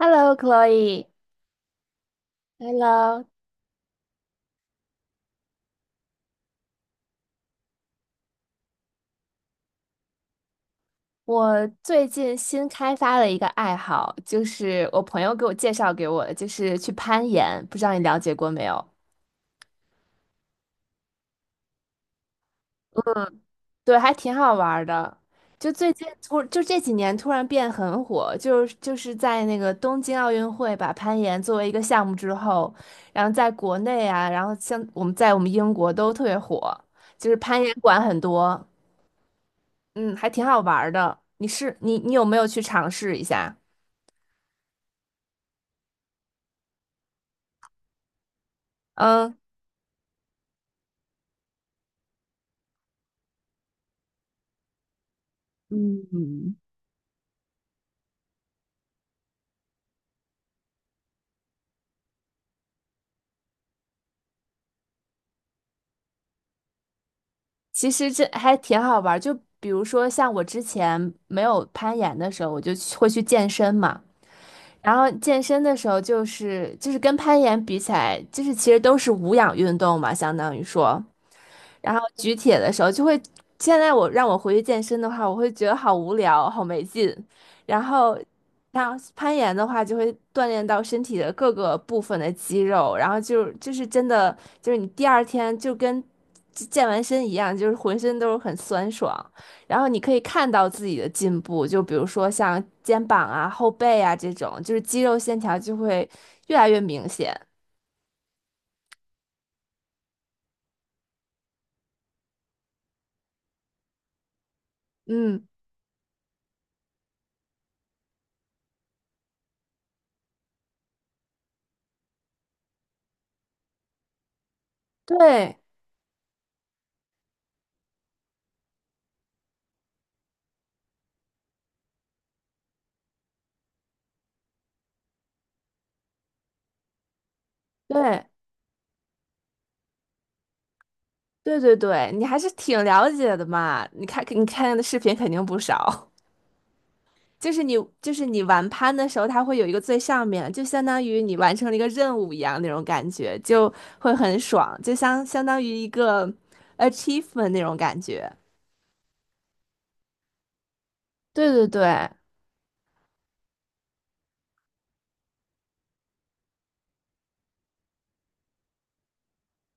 Hello，Chloe。Hello，我最近新开发了一个爱好，就是我朋友给我介绍给我的，就是去攀岩。不知道你了解过没有？对，还挺好玩儿的。就这几年突然变很火，就是在那个东京奥运会把攀岩作为一个项目之后，然后在国内啊，然后像我们在我们英国都特别火，就是攀岩馆很多，嗯，还挺好玩儿的。你是你你有没有去尝试一下？嗯。其实这还挺好玩儿就比如说像我之前没有攀岩的时候，我会去健身嘛。然后健身的时候，就是跟攀岩比起来，就是其实都是无氧运动嘛，相当于说。然后举铁的时候就会，现在让我回去健身的话，我会觉得好无聊，好没劲。然后像攀岩的话，就会锻炼到身体的各个部分的肌肉，然后就是真的就是你第二天就跟健完身一样，就是浑身都是很酸爽。然后你可以看到自己的进步，就比如说像肩膀啊、后背啊这种，就是肌肉线条就会越来越明显。嗯，对对。对对对，你还是挺了解的嘛。你看，你看的视频肯定不少。就是你，就是你玩攀的时候，它会有一个最上面，就相当于你完成了一个任务一样那种感觉，就会很爽，就相当于一个 achievement 那种感觉。对对对，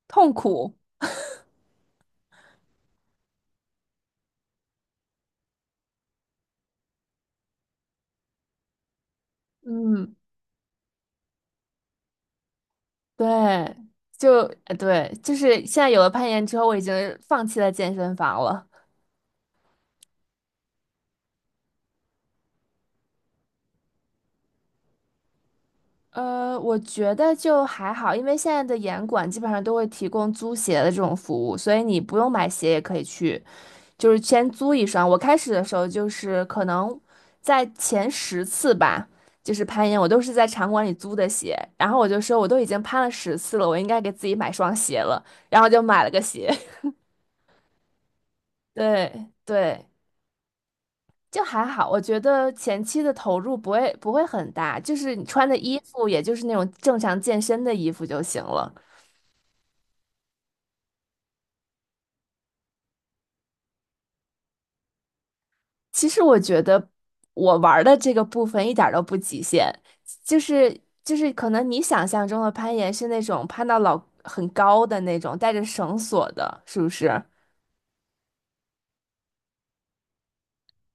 痛苦，嗯，对，就对，就是现在有了攀岩之后，我已经放弃了健身房了。我觉得就还好，因为现在的严管基本上都会提供租鞋的这种服务，所以你不用买鞋也可以去，就是先租一双。我开始的时候就是可能在前十次吧，就是攀岩，我都是在场馆里租的鞋，然后我就说我都已经攀了十次了，我应该给自己买双鞋了，然后就买了个鞋。对对，就还好，我觉得前期的投入不会很大，就是你穿的衣服，也就是那种正常健身的衣服就行了。其实我觉得我玩儿的这个部分一点儿都不极限，就是就是可能你想象中的攀岩是那种攀到老很高的那种，带着绳索的，是不是？啊，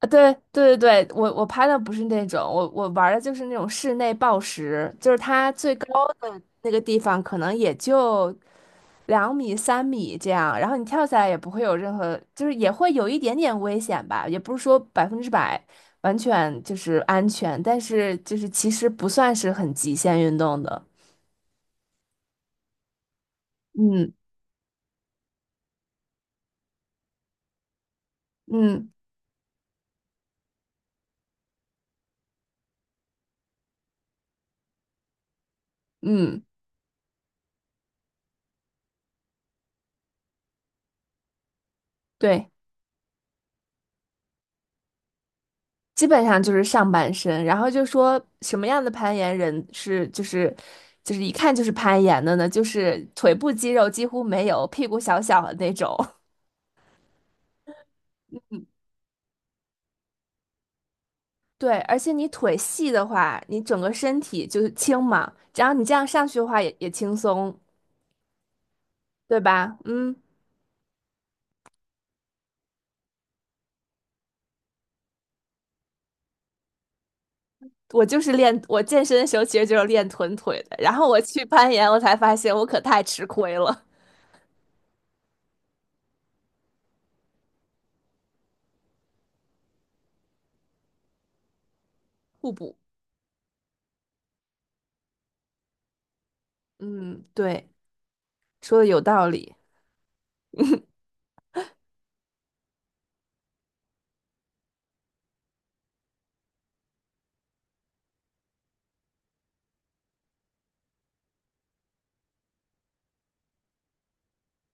对对对对，我攀的不是那种，我玩儿的就是那种室内抱石，就是它最高那个地方可能也就两米、三米这样，然后你跳下来也不会有任何，就是也会有一点点危险吧，也不是说100%完全就是安全，但是就是其实不算是很极限运动的。嗯嗯嗯，对，基本上就是上半身，然后就说什么样的攀岩人是就是一看就是攀岩的呢？就是腿部肌肉几乎没有，屁股小小的那种。对，而且你腿细的话，你整个身体就是轻嘛，然后你这样上去的话也轻松，对吧？嗯，我就是练，我健身的时候其实就是练臀腿的，然后我去攀岩，我才发现我可太吃亏了，互补。嗯，对，说的有道理。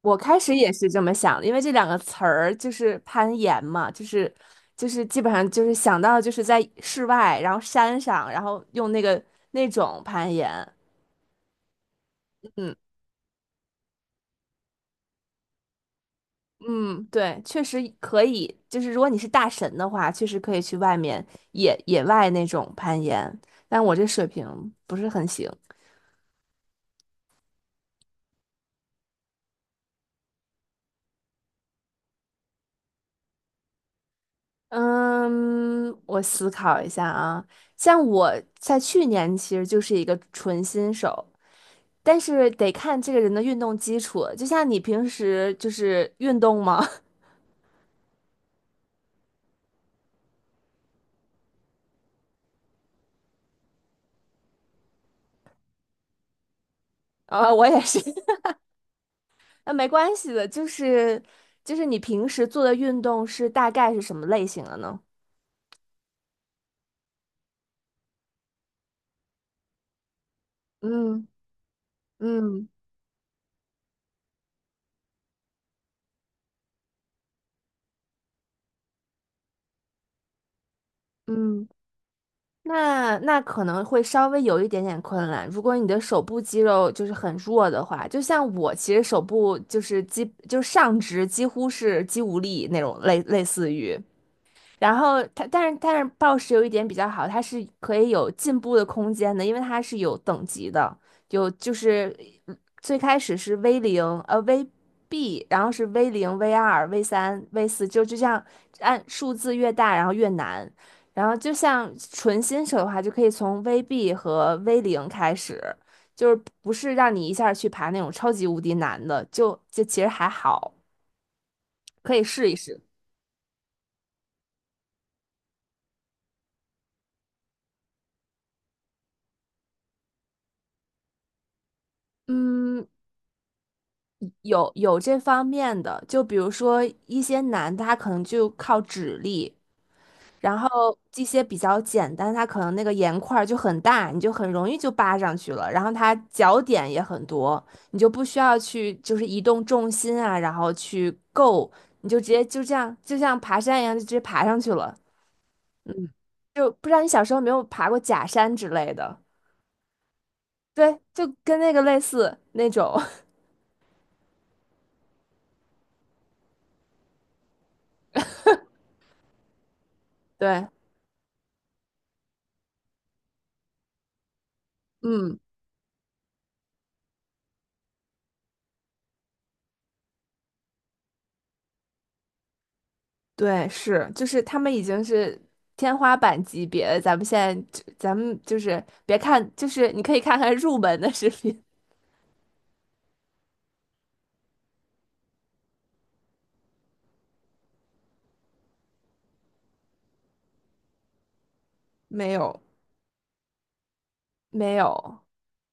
我开始也是这么想的，因为这两个词儿就是攀岩嘛，就是基本上就是想到就是在室外，然后山上，然后用那个那种攀岩。嗯。嗯，对，确实可以。就是如果你是大神的话，确实可以去外面野外那种攀岩。但我这水平不是很行。嗯，我思考一下啊。像我在去年其实就是一个纯新手，但是得看这个人的运动基础。就像你平时就是运动吗？啊，我也是。那没关系的，就是你平时做的运动是大概是什么类型的呢？嗯嗯嗯。那可能会稍微有一点点困难。如果你的手部肌肉就是很弱的话，就像我其实手部就是肌，就是上肢几乎是肌无力那种类似于。然后它，但是暴食有一点比较好，它是可以有进步的空间的，因为它是有等级的，有就是呃最开始是 VB，然后是 V 零 V2 V3 V4，就这样按数字越大，然后越难。然后就像纯新手的话，就可以从 VB 和 V 零开始，就是不是让你一下去爬那种超级无敌难的，就其实还好，可以试一试。嗯，有这方面的，就比如说一些难的，他可能就靠指力，然后这些比较简单，他可能那个盐块儿就很大，你就很容易就扒上去了，然后它脚点也很多，你就不需要去就是移动重心啊，然后去够，你就直接就这样，就像爬山一样，就直接爬上去了。就不知道你小时候有没有爬过假山之类的，对，就跟那个类似那种，对，嗯。对，是，就是他们已经是天花板级别了。咱们现在就，咱们就是别看，就是你可以看看入门的视频，没有，没有，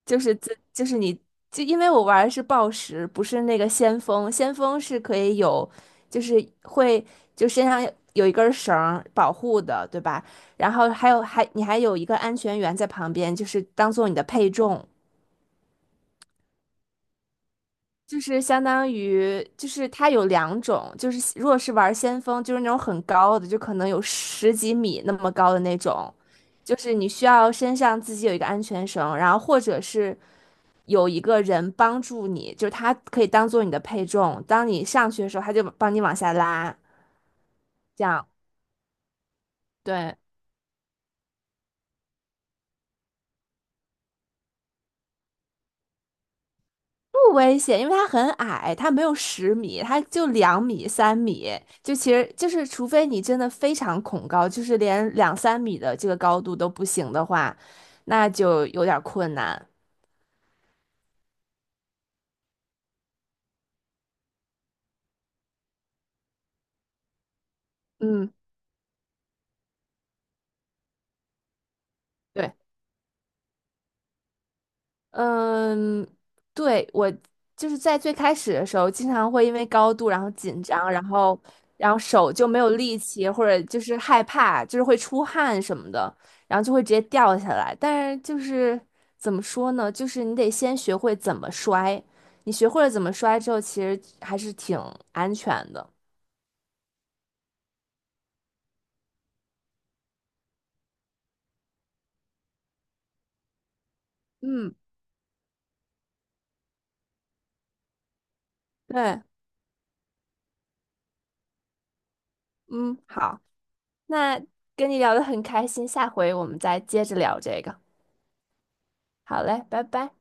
就是这，就是你，就因为我玩的是暴食，不是那个先锋，先锋是可以有，就是会就身上有一根绳儿保护的，对吧？然后还有还你还有一个安全员在旁边，就是当做你的配重。就是相当于，就是它有两种，就是如果是玩先锋，就是那种很高的，就可能有十几米那么高的那种，就是你需要身上自己有一个安全绳，然后或者是有一个人帮助你，就是他可以当做你的配重，当你上去的时候，他就帮你往下拉，这样。对，不危险，因为它很矮，它没有10米，它就两米、三米，就其实就是，除非你真的非常恐高，就是连两三米的这个高度都不行的话，那就有点儿困难。嗯，对。嗯，对，我就是在最开始的时候，经常会因为高度然后紧张，然后手就没有力气，或者就是害怕，就是会出汗什么的，然后就会直接掉下来。但是就是怎么说呢，就是你得先学会怎么摔，你学会了怎么摔之后，其实还是挺安全的。嗯，对，嗯，好，那跟你聊的很开心，下回我们再接着聊这个。好嘞，拜拜。